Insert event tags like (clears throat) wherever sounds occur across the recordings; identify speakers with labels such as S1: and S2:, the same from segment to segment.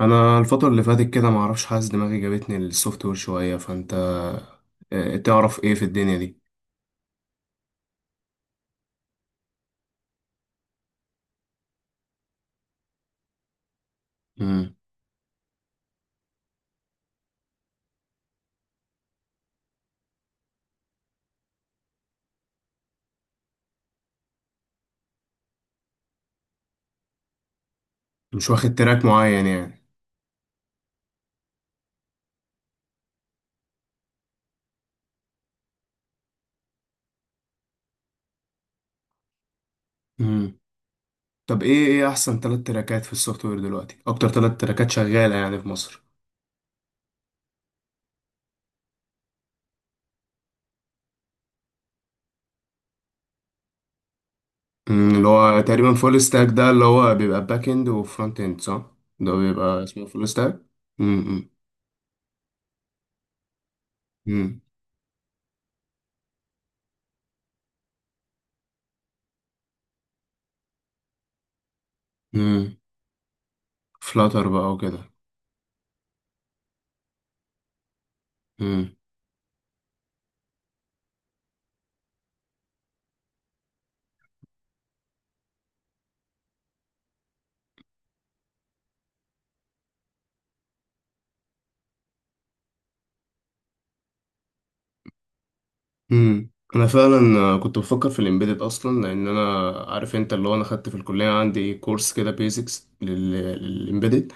S1: انا الفتره اللي فاتت كده، ما اعرفش، حاسس دماغي جابتني للسوفت وير شويه. فانت تعرف ايه في الدنيا دي؟ مم. مش واخد تراك معين يعني. مم. طب ايه احسن ثلاث تراكات في السوفت وير دلوقتي؟ اكتر ثلاث تراكات شغاله يعني في مصر؟ مم. اللي هو تقريبا فول ستاك، ده اللي هو بيبقى باك اند وفرونت اند، صح؟ ده بيبقى اسمه فول ستاك. امم. امم. امم. فلاتر بقى وكده. امم. انا فعلا كنت بفكر في الامبيدد اصلا، لان انا عارف انت اللي هو، انا خدت في الكليه عندي كورس كده بيزكس للامبيدد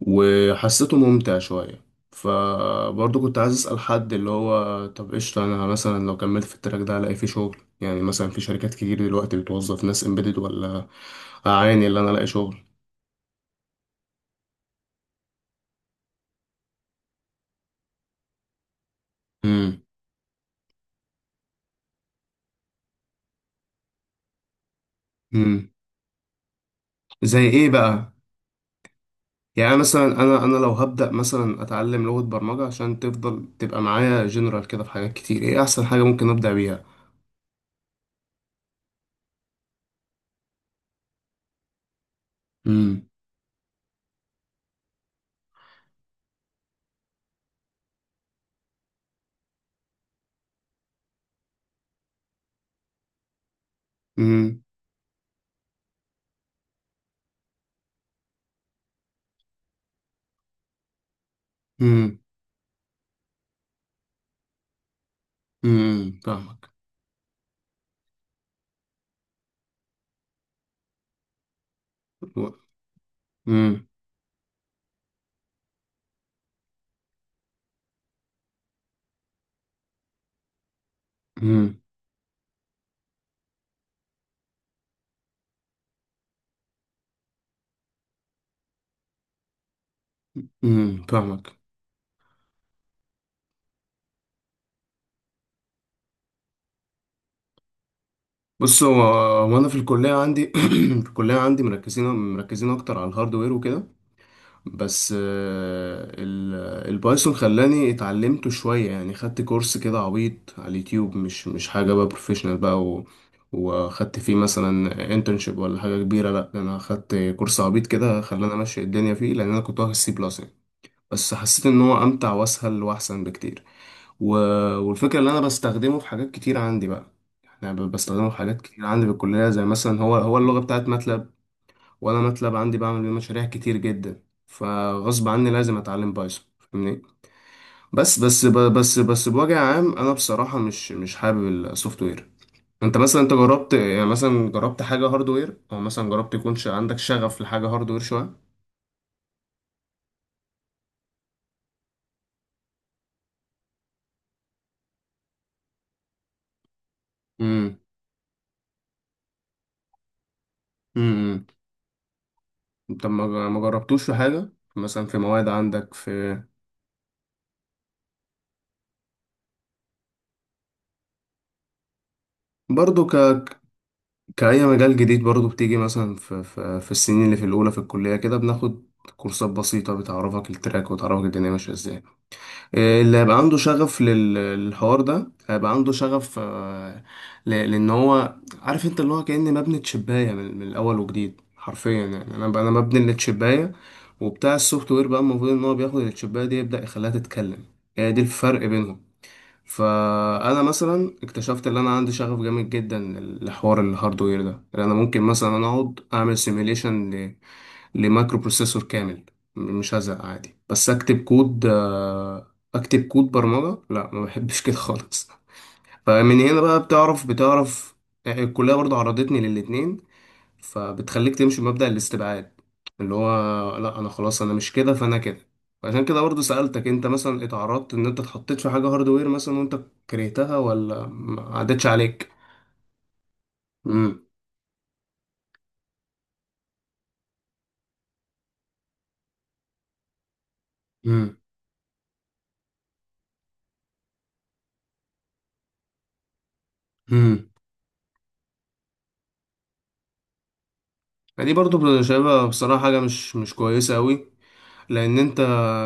S1: وحسيته ممتع شويه. فبرضه كنت عايز اسال حد اللي هو، طب قشطه، انا مثلا لو كملت في التراك ده هلاقي فيه شغل يعني؟ مثلا في شركات كتير دلوقتي بتوظف ناس امبيدد ولا؟ اعاني اللي انا الاقي شغل. امم. امم. زي ايه بقى؟ يعني أنا مثلا انا لو هبدأ مثلا اتعلم لغة برمجة عشان تفضل تبقى معايا جنرال كده في حاجات كتير، ايه احسن حاجة ممكن ابدأ بيها؟ امم. امم. امم. امم. فاهمك. امم. امم. امم. فاهمك. بص هو انا في الكلية عندي (clears throat) في الكلية عندي مركزين اكتر على الهاردوير وكده. بس البايثون خلاني اتعلمته شوية. يعني خدت كورس كده عبيط على اليوتيوب، مش حاجة بقى بروفيشنال بقى، وخدت فيه مثلا انترنشيب ولا حاجة كبيرة. لا، ده انا خدت كورس عبيط كده خلاني امشي الدنيا فيه، لان انا كنت واخد سي بلس يعني. بس حسيت ان هو امتع واسهل واحسن بكتير. و... والفكرة اللي انا بستخدمه في حاجات كتير عندي بقى. انا بستخدمه في حاجات كتير عندي بالكلية، زي مثلا هو اللغة بتاعت ماتلاب. وانا ماتلاب عندي بعمل بيه مشاريع كتير جدا، فغصب عني لازم اتعلم بايثون، فاهمني؟ بس بس ب- بس بس بوجه عام، انا بصراحه مش حابب السوفت وير. انت مثلا، انت جربت يعني، مثلا جربت حاجه هاردوير، او مثلا جربت يكون عندك شغف لحاجه هاردوير شويه؟ امم. امم. طب ما جربتوش في حاجه مثلا في مواد عندك في. برضو كأي مجال جديد، برضو بتيجي مثلا في السنين اللي في الأولى في الكلية، كده بناخد كورسات بسيطة بتعرفك التراك وتعرفك الدنيا ماشية ازاي. اللي هيبقى عنده شغف للحوار ده هيبقى عنده شغف. لان هو، عارف انت اللي هو، كأني مبني تشباية من الاول وجديد حرفيا يعني. انا مبني للتشباية، وبتاع السوفت وير بقى المفروض ان هو بياخد التشباية دي يبدأ يخليها تتكلم. هي دي الفرق بينهم. فانا مثلا اكتشفت ان انا عندي شغف جامد جدا لحوار الهاردوير ده، لان انا ممكن مثلا انا اقعد اعمل سيميليشن لمايكرو بروسيسور كامل. مش هزهق عادي بس اكتب كود، اكتب كود برمجة. لا، ما بحبش كده خالص. فمن هنا بقى بتعرف يعني. الكلية برضه عرضتني للاتنين، فبتخليك تمشي بمبدأ الاستبعاد، اللي هو لا، انا خلاص انا مش كده، فانا كده. عشان كده برضه سألتك، انت مثلا اتعرضت ان انت اتحطيت في حاجة هاردوير مثلا وانت كرهتها، ولا ما عدتش عليك؟ امم. امم. امم. دي برضه شايفها بصراحة حاجة مش كويسة أوي، لان انت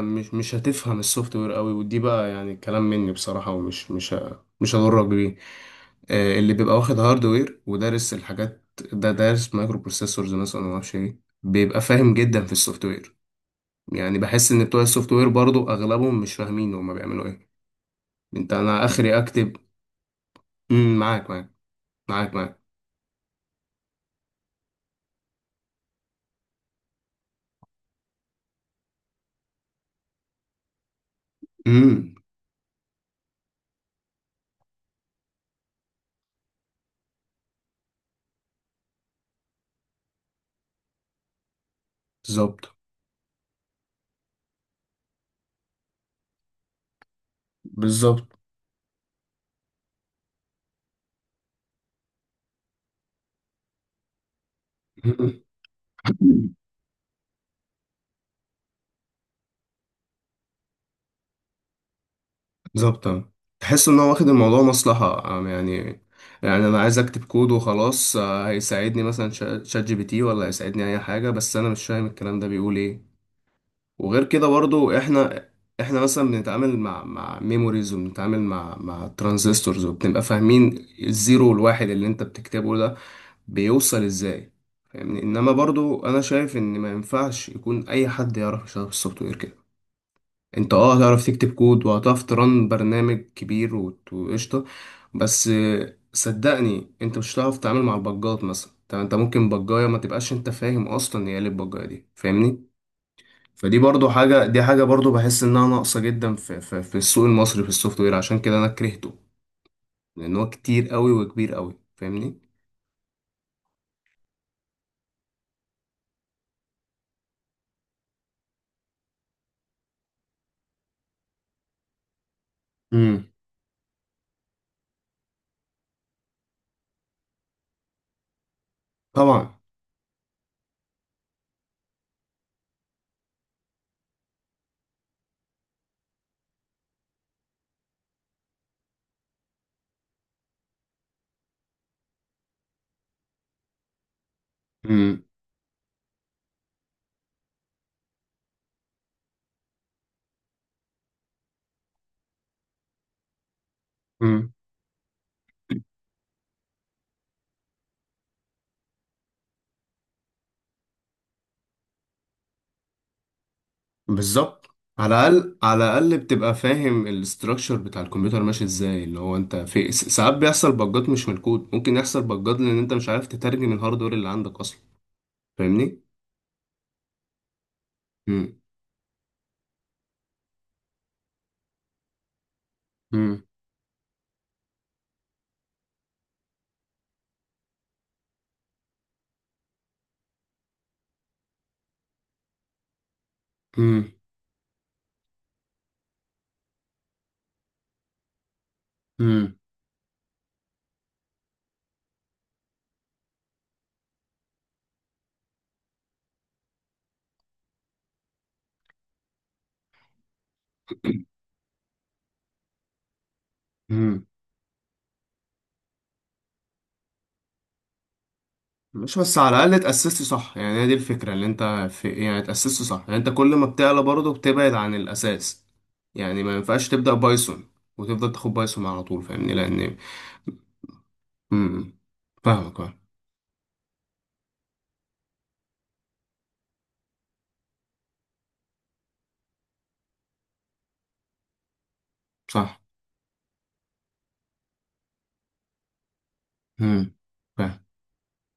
S1: مش هتفهم السوفت وير قوي. ودي بقى يعني كلام مني بصراحه، ومش مش ه- مش هضرك بيه. اللي بيبقى واخد هاردوير ودارس الحاجات، ده دارس مايكرو بروسيسورز مثلا، ما اعرفش ايه، بيبقى فاهم جدا في السوفت وير. يعني بحس ان بتوع السوفت وير برضو اغلبهم مش فاهمين هما بيعملوا ايه. انت انا اخري اكتب. امم. معاك، معاك، معاك، معاك. امم. بالظبط، بالظبط. (laughs) بالظبط، آه. تحس ان هو واخد الموضوع مصلحة، يعني. يعني انا عايز اكتب كود وخلاص. هيساعدني مثلا شات جي بي تي، ولا هيساعدني اي حاجة، بس انا مش فاهم الكلام ده بيقول ايه. وغير كده برضو احنا، احنا مثلا بنتعامل مع ميموريز، وبنتعامل مع ترانزستورز، وبنبقى فاهمين الزيرو والواحد اللي انت بتكتبه ده بيوصل ازاي، فاهمني؟ انما برضو انا شايف ان ما ينفعش يكون اي حد يعرف يشتغل في السوفت وير كده. انت هتعرف تكتب كود، وهتعرف ترن برنامج كبير، وقشطة. بس صدقني، انت مش هتعرف تتعامل مع البجات مثلا. طب انت ممكن بجاية ما تبقاش انت فاهم اصلا هي ايه البجاية دي، فاهمني؟ فدي برضو حاجة، دي حاجة برضو بحس انها ناقصة جدا في السوق المصري في السوفت وير. عشان كده انا كرهته، لان هو كتير قوي وكبير قوي، فاهمني؟ امم. طبعا. امم. بالظبط. على الاقل، على الاقل بتبقى فاهم الاستراكشر بتاع الكمبيوتر ماشي ازاي، اللي هو انت في ساعات بيحصل بجات مش من الكود، ممكن يحصل بجات لان انت مش عارف تترجم الهاردوير اللي عندك اصلا، فاهمني؟ مم. مم. مم. مم. مم. مش بس على الاقل اتاسست صح، يعني هي دي الفكره اللي انت في يعني. اتاسست صح، يعني انت كل ما بتعلى برضه بتبعد عن الاساس. يعني ما ينفعش تبدا بايثون وتفضل تاخد بايثون على طول، فاهمني؟ لان مم. فاهمك، فاهم. صح. امم. فاهم.